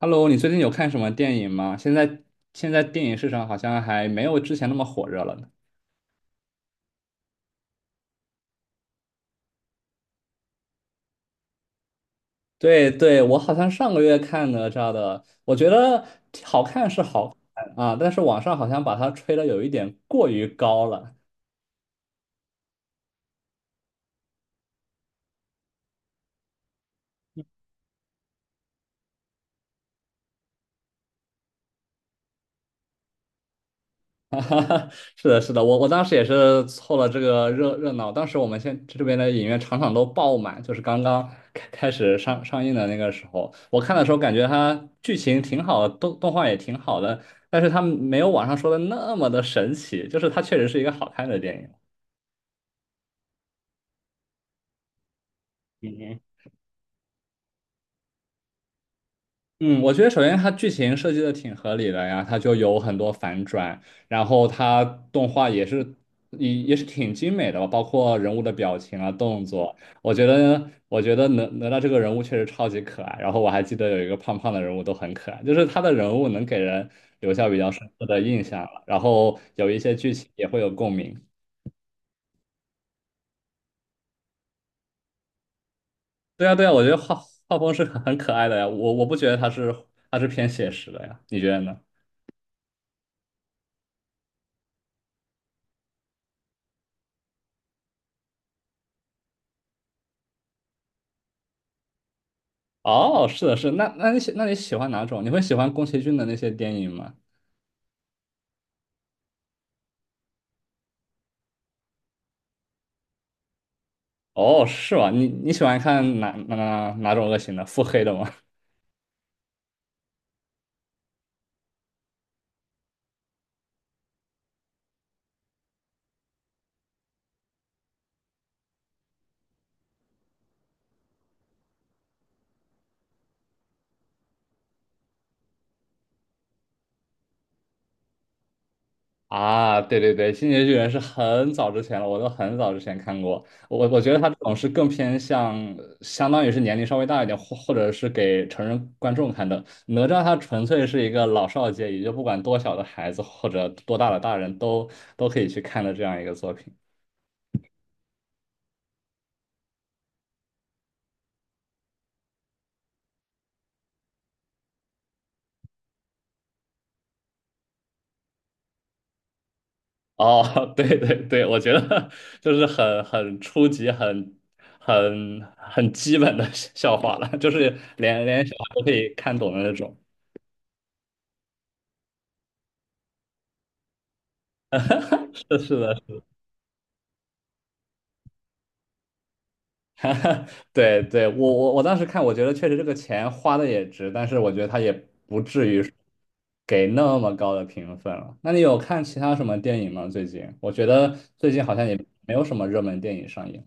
Hello，你最近有看什么电影吗？现在电影市场好像还没有之前那么火热了呢。对对，我好像上个月看哪吒的，我觉得好看是好看啊，但是网上好像把它吹的有一点过于高了。是的，是的，我当时也是凑了这个热闹。当时我们这边的影院场场都爆满，就是刚刚开始上映的那个时候，我看的时候感觉它剧情挺好的，动画也挺好的，但是它没有网上说的那么的神奇，就是它确实是一个好看的电影。嗯嗯，我觉得首先它剧情设计的挺合理的呀，它就有很多反转，然后它动画也是挺精美的吧，包括人物的表情啊、动作，我觉得哪吒这个人物确实超级可爱，然后我还记得有一个胖胖的人物都很可爱，就是他的人物能给人留下比较深刻的印象了，然后有一些剧情也会有共鸣。对呀对呀，我觉得画风是很可爱的呀，我不觉得它是偏写实的呀，你觉得呢？哦，是的，是的那你喜欢哪种？你会喜欢宫崎骏的那些电影吗？哦，是吗？你喜欢看哪种类型的？腹黑的吗？啊，对对对，《进击的巨人》是很早之前了，我都很早之前看过。我觉得他这种是更偏向，相当于是年龄稍微大一点，或者是给成人观众看的。哪吒他纯粹是一个老少皆宜，就不管多小的孩子或者多大的大人都可以去看的这样一个作品。哦，对对对，我觉得就是很初级、很基本的笑话了，就是连小孩都可以看懂的那种。是的，对对，我当时看，我觉得确实这个钱花的也值，但是我觉得他也不至于给那么高的评分了。那你有看其他什么电影吗？最近我觉得最近好像也没有什么热门电影上映，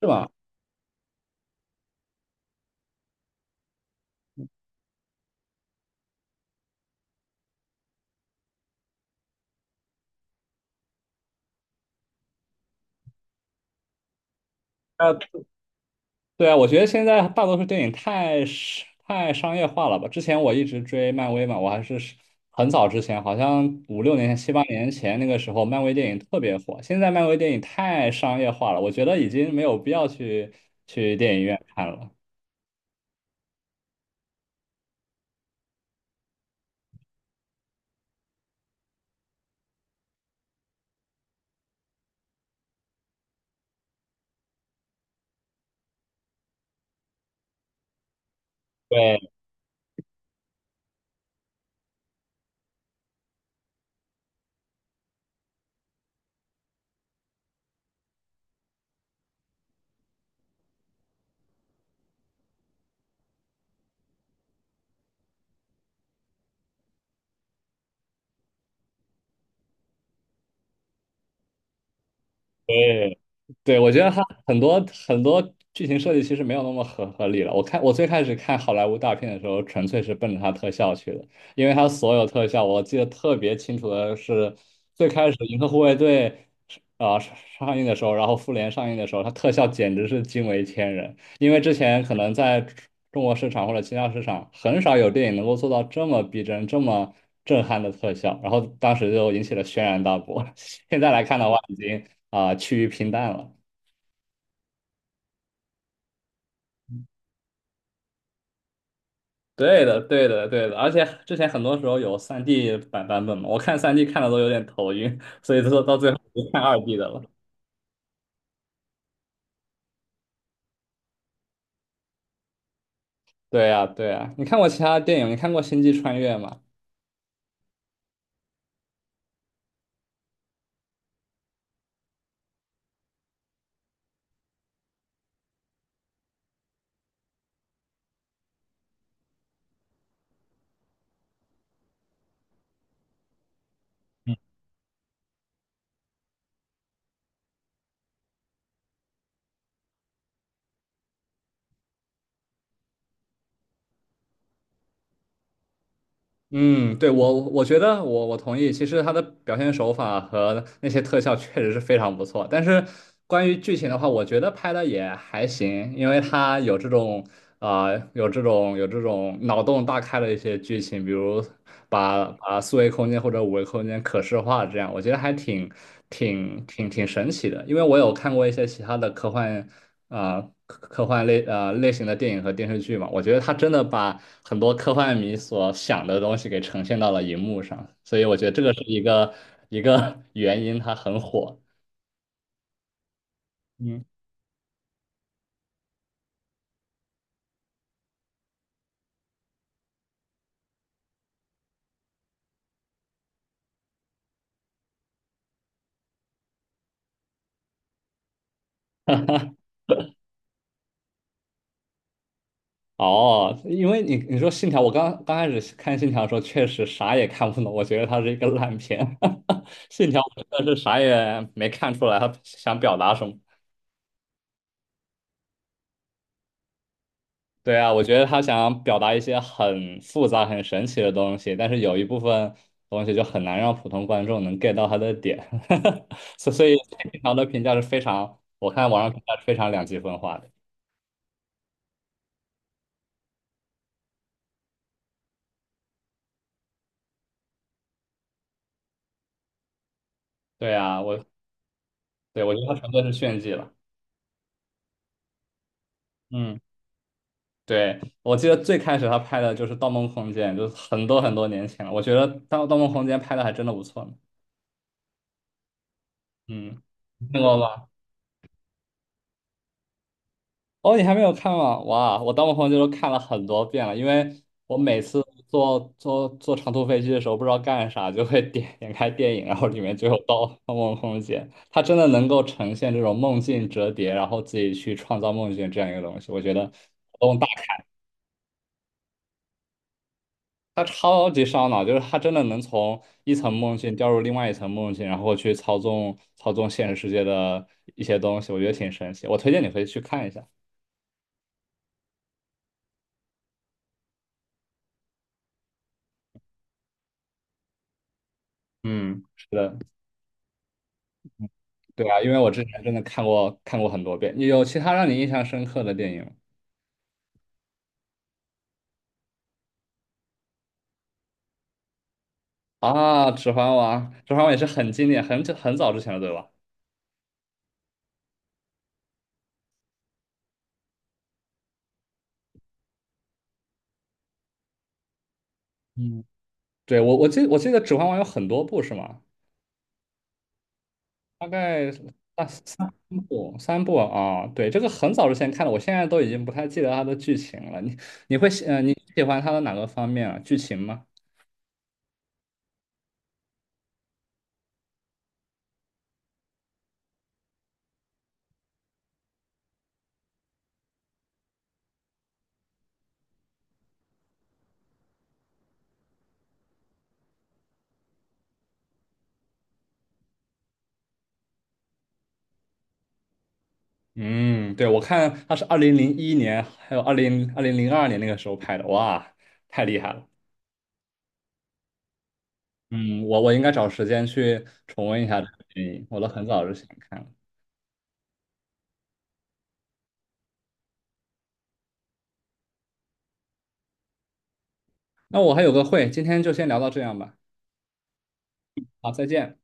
是吗？吧？对啊，我觉得现在大多数电影太商业化了吧？之前我一直追漫威嘛，我还是很早之前，好像五六年前、七八年前那个时候，漫威电影特别火。现在漫威电影太商业化了，我觉得已经没有必要去电影院看了。对，对，对，我觉得它很多很多剧情设计其实没有那么合理了。我看我最开始看好莱坞大片的时候，纯粹是奔着它特效去的，因为它所有特效，我记得特别清楚的是，最开始《银河护卫队》上映的时候，然后《复联》上映的时候，它特效简直是惊为天人。因为之前可能在中国市场或者其他市场，很少有电影能够做到这么逼真、这么震撼的特效，然后当时就引起了轩然大波。现在来看的话，已经趋于平淡了。对的，对的，对的，而且之前很多时候有三 d 版本嘛，我看三 d 看的都有点头晕，所以说到最后就看2D 的了。对呀，对呀，你看过其他电影？你看过《星际穿越》吗？嗯，对，我觉得我同意。其实他的表现手法和那些特效确实是非常不错，但是关于剧情的话，我觉得拍的也还行，因为它有这种脑洞大开的一些剧情，比如把四维空间或者五维空间可视化这样，我觉得还挺神奇的。因为我有看过一些其他的科幻。类型的电影和电视剧嘛，我觉得他真的把很多科幻迷所想的东西给呈现到了荧幕上，所以我觉得这个是一个 原因，它很火。嗯，哦，因为你说《信条》，我刚刚开始看《信条》的时候，确实啥也看不懂，我觉得它是一个烂片，《信条》我真的是啥也没看出来，他想表达什么。对啊，我觉得他想表达一些很复杂、很神奇的东西，但是有一部分东西就很难让普通观众能 get 到他的点，所以平常的评价是非常，我看网上评价是非常两极分化的。对啊，我觉得他纯粹是炫技了。嗯，对，得最开始他拍的就是《盗梦空间》，就是很多很多年前了。我觉得《盗梦空间》拍的还真的不错呢。嗯，听过吗？哦，你还没有看吗？哇，我《盗梦空间》都看了很多遍了，因为我每次坐长途飞机的时候，不知道干啥，就会点开电影，然后里面就有《盗梦空间》，它真的能够呈现这种梦境折叠，然后自己去创造梦境这样一个东西，我觉得脑洞大开，它超级烧脑，就是它真的能从一层梦境掉入另外一层梦境，然后去操纵现实世界的一些东西，我觉得挺神奇，我推荐你可以去看一下。嗯。是的。对啊，因为我之前真的看过很多遍。有其他让你印象深刻的电影吗啊？《指环王》，《指环王》也是很经典，很久很早之前了，对吧？嗯，对，我记得《指环王》有很多部是吗？大概啊三部三部啊，对，这个很早之前看的，我现在都已经不太记得它的剧情了。你喜欢它的哪个方面啊？剧情吗？嗯，对，我看它是2001年还有二零零二年那个时候拍的，哇，太厉害了。嗯，我应该找时间去重温一下这个电影，我都很早就想看了。那我还有个会，今天就先聊到这样吧。好，再见。